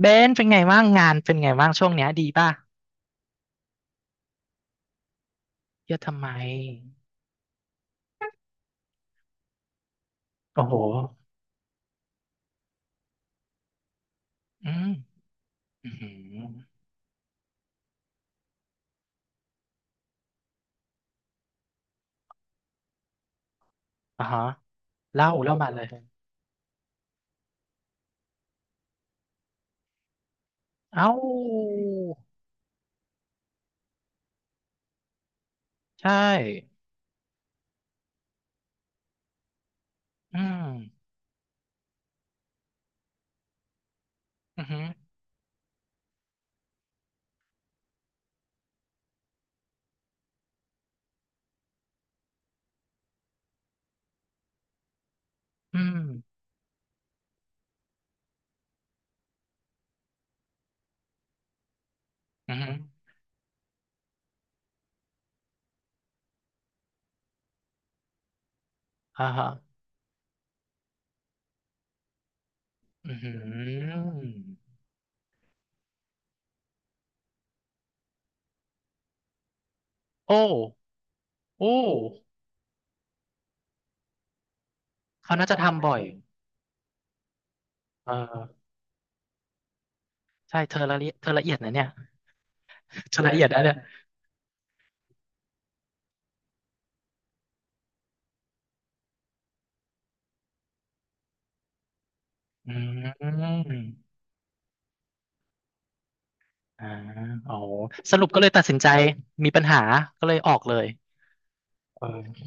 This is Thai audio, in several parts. เบนเป็นไงบ้างงานเป็นไงบ้างช่วงเนี้ยดีป่ะเยอะทำไมโอ้โหอืมอือหืออ่าฮะเล่าเล่ามาเลยเอ้าใช่อืมอือหืออืมอือหืออ่าฮะอือหือโอ้โอ้เขาน่าจะทำบ่อยเออใช่เธอละเอียดเธอละเอียดนะเนี่ย เธอละเอียดนะเนี่ยอืมอ่าอ๋อสรุปก็เลยตัดสินใจมีปัญหาก็เลยออกเลยเออ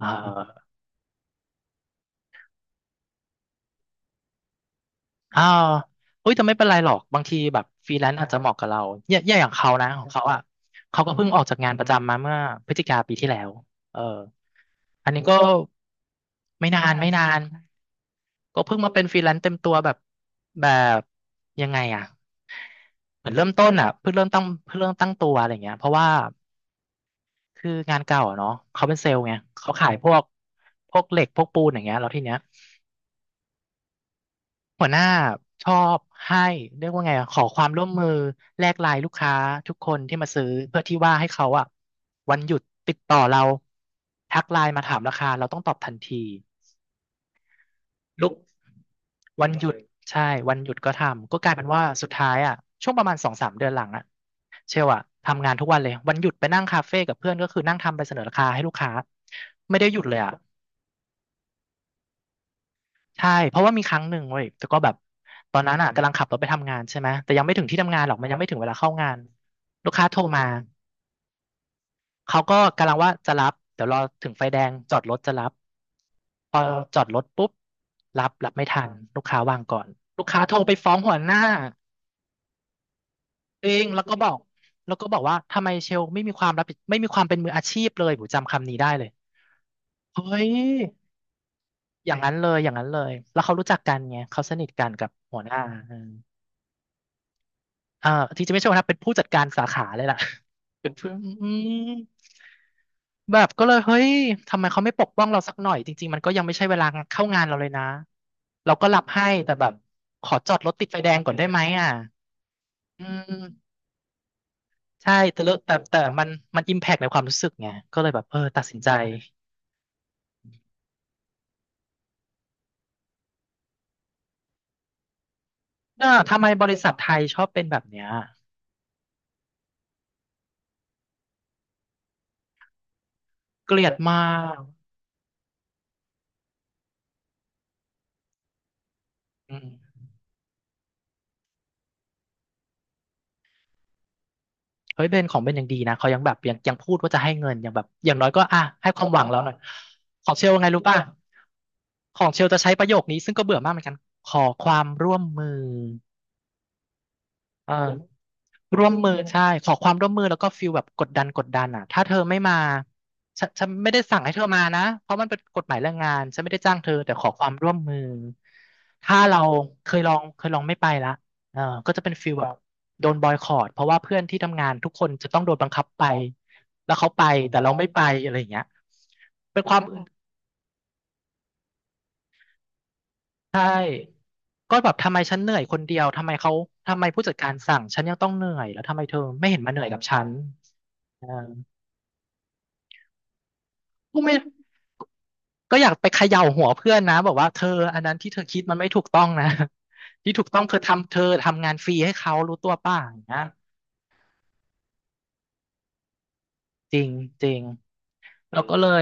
อ่า อ่าเฮ้ยแต่ไม่เป็นไรหรอกบางทีแบบฟรีแลนซ์อาจจะเหมาะกับเราเนี่ยเนี่ยอย่างเขานะของเขาอ่ะเขาก็เพิ่งออกจากงานประจำมาเมื่อพฤศจิกาปีที่แล้วเอออันนี้ก็ไม่นานไม่นานก็เพิ่งมาเป็นฟรีแลนซ์เต็มตัวแบบแบบยังไงอ่ะเหมือนเริ่มต้นอ่ะเพิ่งเริ่มตั้งเพิ่งเริ่มตั้งตัวอะไรเงี้ยเพราะว่าคืองานเก่าอ่ะเนาะเขาเป็นเซลล์ไงเขาขายพวกพวกเหล็กพวกปูนอย่างเงี้ยแล้วทีเนี้ย หัวหน้าชอบให้เรียกว่าไงอะขอความร่วมมือแลกไลน์ลูกค้าทุกคนที่มาซื้อเพื่อที่ว่าให้เขาอะวันหยุดติดต่อเราทักไลน์มาถามราคาเราต้องตอบทันทีลูกวันหยุดใช่วันหยุดก็ทำก็กลายเป็นว่าสุดท้ายอะช่วงประมาณสองสามเดือนหลังอะเชลอะทำงานทุกวันเลยวันหยุดไปนั่งคาเฟ่กับเพื่อนก็คือนั่งทำใบเสนอราคาให้ลูกค้าไม่ได้หยุดเลยอะ ใช่เพราะว่ามีครั้งหนึ่งเว้ยแต่ก็แบบตอนนั้นอ่ะกำลังขับรถไปทำงานใช่ไหมแต่ยังไม่ถึงที่ทำงานหรอก มันยังไม่ถึงเวลาเข้างาน ลูกค้าโทรมาเขาก็กำลังว่าจะรับเดี๋ยวรอถึงไฟแดงจอดรถจะรับพอจอดรถปุ๊บรับไม่ทันลูกค้าวางก่อนลูกค้าโทรไปฟ้องหัวหน้าเองแล้วก็บอกแล้วก็บอกว่าทำไมเชลไม่มีความรับผิดไม่มีความเป็นมืออาชีพเลยผมจำคำนี้ได้เลยเฮ้ยอย่างนั้นเลยอย่างนั้นเลยแล้วเขารู้จักกันไงเขาสนิทกันกับหัวหน้าอืม เอ่อที่จะไม่ใช่หัวหน้าเป็นผู้จัดการสาขาเลยล่ะ เป็นผู้อืมแบบก็เลยเฮ้ยทำไมเขาไม่ปกป้องเราสักหน่อยจริงๆมันก็ยังไม่ใช่เวลาเข้างานเราเลยนะเราก็รับให้แต่แบบขอจอดรถติดไฟแดงก่อนได้ไหมอ่ะอืมใช่แต่เลอะแต่แต่มันมันอิมแพกในความรู้สึกไงก็เลยแบบเออตัดสินใจเน่ะทำไมบริษัทไทยชอบเป็นแบบเนี้ยเกลียดมากอืม เฮ้ยเบนของเบนยังดีนะเขายังแบบยังพูดว่าจะให้เงินยังแบบอย่างน้อยก็อ่ะให้ความหวังแล้วหน่อยของเชลไงรู้ป่ะของเชลจะใช้ประโยคนี้ซึ่งก็เบื่อมากเหมือนกันขอความร่วมมือ เออร่วมมือใช่ขอความร่วมมือแล้วก็ฟีลแบบกดดันกดดันอ่ะถ้าเธอไม่มาฉันไม่ได้สั่งให้เธอมานะเพราะมันเป็นกฎหมายแรงงานฉันไม่ได้จ้างเธอแต่ขอความร่วมมือถ้าเราเคยลองไม่ไปละเออก็จะเป็นฟีลแบบโดนบอยคอตเพราะว่าเพื่อนที่ทำงานทุกคนจะต้องโดนบังคับไปแล้วเขาไปแต่เราไม่ไปอะไรอย่างเงี้ยเป็นความอึดใช่ก็แบบทำไมฉันเหนื่อยคนเดียวทำไมเขาทำไมผู้จัดการสั่งฉันยังต้องเหนื่อยแล้วทำไมเธอไม่เห็นมาเหนื่อยกับฉัน อ่าก็ไม่ก็อยากไปเขย่าหัวเพื่อนนะบอกว่าเธออันนั้นที่เธอคิดมันไม่ถูกต้องนะ ที่ถูกต้องคือทำเธอทำงานฟรีให้เขารู้ตัวป่ะอย่างเงี้ยจริงจริงเราก็เลย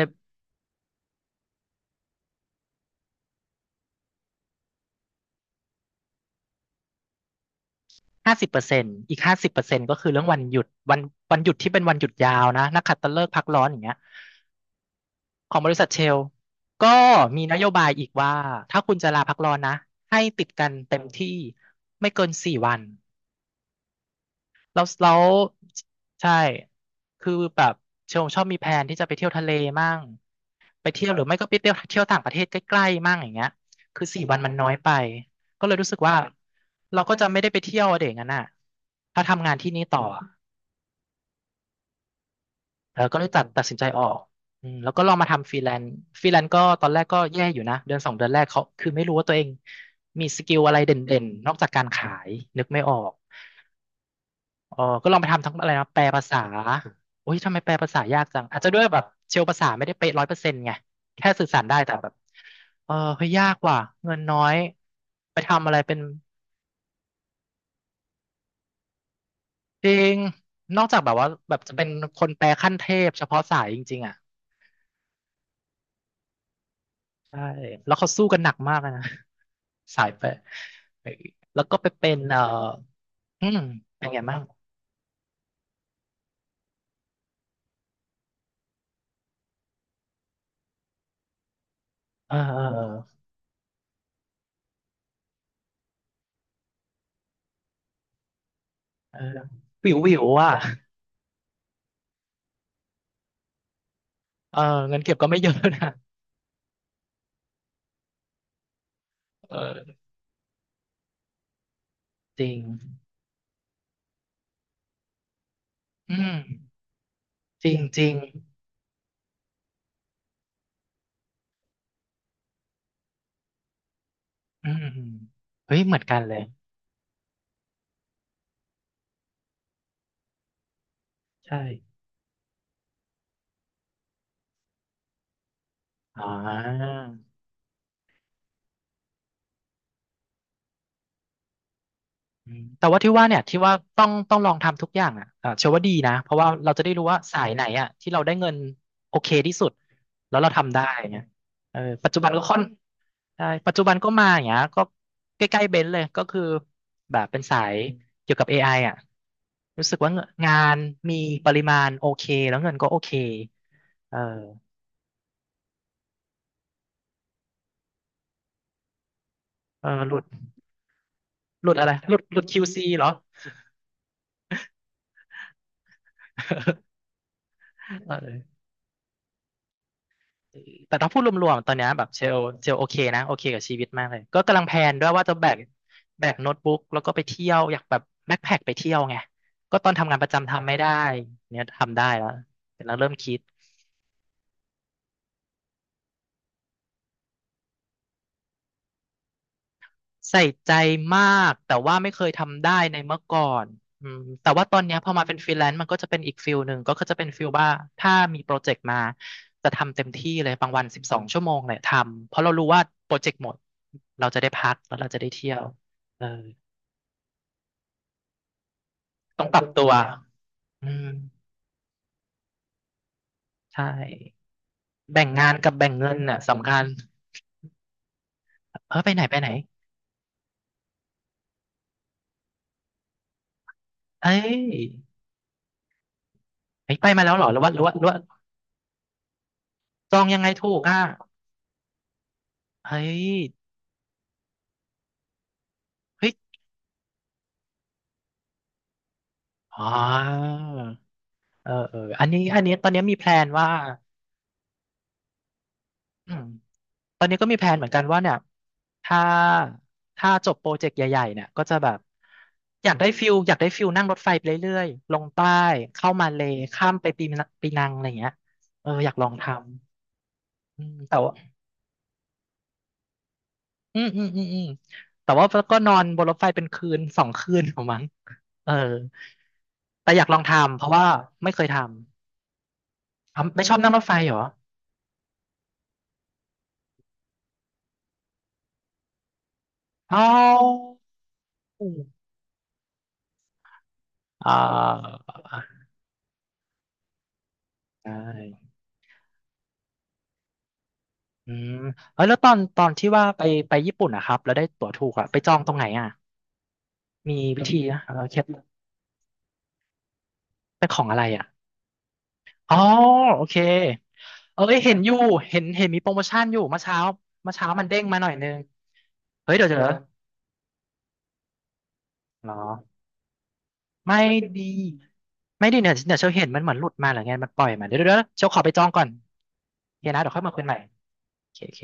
ห้าสิบเปอร์เซ็นต์อีกห้าสิบเปอร์เซ็นต์ก็คือเรื่องวันหยุดวันวันหยุดที่เป็นวันหยุดยาวนะนักขัตฤกษ์พักร้อนอย่างเงี้ยของบริษัทเชลก็มีนโยบายอีกว่าถ้าคุณจะลาพักร้อนนะให้ติดกันเต็มที่ไม่เกิน4 วัน แล้วใช่คือแบบเชมชอบมีแผนที่จะไปเที่ยวทะเลมั่งไปเที่ยวหรือไม่ก็ไปเที่ยวต่างประเทศใกล้ๆมั่งอย่างเงี้ยคือสี่วันมันน้อยไปก็เลยรู้สึกว่าเราก็จะไม่ได้ไปเที่ยวอะเด็กงั้นน่ะถ้าทำงานที่นี่ต่ออะเออก็เลยตัดสินใจออกอืมแล้วก็ลองมาทำฟรีแลนซ์ฟรีแลนซ์ก็ตอนแรกก็แย่อยู่นะเดือนสองเดือนแรกเขาคือไม่รู้ว่าตัวเองมีสกิลอะไรเด่นๆนอกจากการขายนึกไม่ออก เออก็ลองไปทำทั้งอะไรนะแปลภาษาโอ้ยทำไมแปลภาษายากจังอาจจะด้วยแบบเชลภาษาไม่ได้เป๊ะร้อยเปอร์เซ็นต์ไงแค่สื่อสารได้แต่แบบเออเฮ้ยยากว่ะเงินน้อยไปทำอะไรเป็นจริงนอกจากแบบว่าแบบจะเป็นคนแปลขั้นเทพเฉพาะสายจริงๆอ่ะใช่แล้วเขาสู้กันหนักมากเลยนะ สายแปลเออแล้วก็ไปเป็นเอออืมเป็นไงบ้างเออเออเออวิวๆอ่ะเออเงินเก็บก็ไม่เยอะนะเออจริงอืม จริงจริงอืมเฮ้ยเหมือนกันเลยใช่อ่าอืมแต่ว่าที่ว่าเนี่ยที่ว่าต้องลองทำทุกอย่างอ่ะอ่าเชื่อว่าดีนะเพราะว่าเราจะได้รู้ว่าสายไหนอ่ะที่เราได้เงินโอเคที่สุดแล้วเราทำได้อย่างเงี้ยเออปัจจุบันก็ค่อนใช่ปัจจุบันก็มาอย่างเงี้ยก็ใกล้ๆเบนซ์เลยก็คือแบบเป็นสายเกี่ยวกับเอไออ่ะรู้สึกว่าเงินงานมีปริมาณโอเคแล้วเงินก็โอเคเออเออหลุดอะไรหลุด QC เหรอ เออแต่ถ้าพูดรวมๆตอนเนี้ยแบบเชลเชลโอเคนะโอเคกับชีวิตมากเลยก็กำลังแพลนด้วยว่าจะแบกแบกโน้ตบุ๊กแล้วก็ไปเที่ยวอยากแบบแบ็คแพ็คไปเที่ยวไงก็ตอนทำงานประจำทำไม่ได้เนี่ยทำได้แล้วเ็แล้วเริ่มคิด ใส่ใจมากแต่ว่าไม่เคยทำได้ในเมื่อก่อนอืมแต่ว่าตอนเนี้ยพอมาเป็นฟรีแลนซ์มันก็จะเป็นอีกฟิลหนึ่งก็คือจะเป็นฟิลว่าถ้ามีโปรเจกต์มาจะทำเต็มที่เลยบางวันสิบสองชั่วโมงเลยทำเพราะเรารู้ว่าโปรเจกต์หมดเราจะได้พักแล้วเราจะได้เที่ยวเออต้องปรับตัวอืมใช่แบ่งงานกับแบ่งเงินน่ะสำคัญเออไปไหนไปไหนเอ้ยเฮ้ยไปมาแล้วเหรอหรือว่าจองยังไงถูกอ่ะเฮ้ยเฮ้ยอ๋อ เออเอออันนี้ตอนนี้มีแพลนว่าอืมตอนนี้ก็มีแพลนเหมือนกันว่าเนี่ยถ้าถ้าจบโปรเจกต์ใหญ่ๆเนี่ยก็จะแบบอยากได้ฟิลอยากได้ฟิลนั่งรถไฟไปเรื่อยๆ ลงใต้ เข้ามาเลย์ข้ามไปปีนังปีนังอะไรอย่างเงี้ยเอออยากลองทำอืมแต่ว่าอืมอืมอืมอืมแต่ว่าก็นอนบนรถไฟเป็นคืนสองคืนของมั้งเออแต่อยากลองทำ เพราะว่าไม่เคยทำออไม่ชอบนั่งรถไฟเหรอเอ้าอ่า ใช่อืมเอ้ยแล้วตอนที่ว่าไปไปญี่ปุ่นนะครับแล้วได้ตั๋วถูกอะไปจองตรงไหนอะมีวิธีนะเราเคล็ดเป็นของอะไรอะอ๋อโอเคเอ้ยเห็นอยู่เห็นเห็นมีโปรโมชั่นอยู่เมื่อเช้าเมื่อเช้ามันเด้งมาหน่อยนึงเฮ้ยเดี๋ยวเหรอไม่ดีไม่ดีเนี่ยเดี๋ยวเชลเห็นมันเหมือนหลุดมาหรือไงมันปล่อยมาเดี๋ยวเชลขอไปจองก่อนโอเคนะเดี๋ยวค่อยมาคุยใหม่โอเคโอเค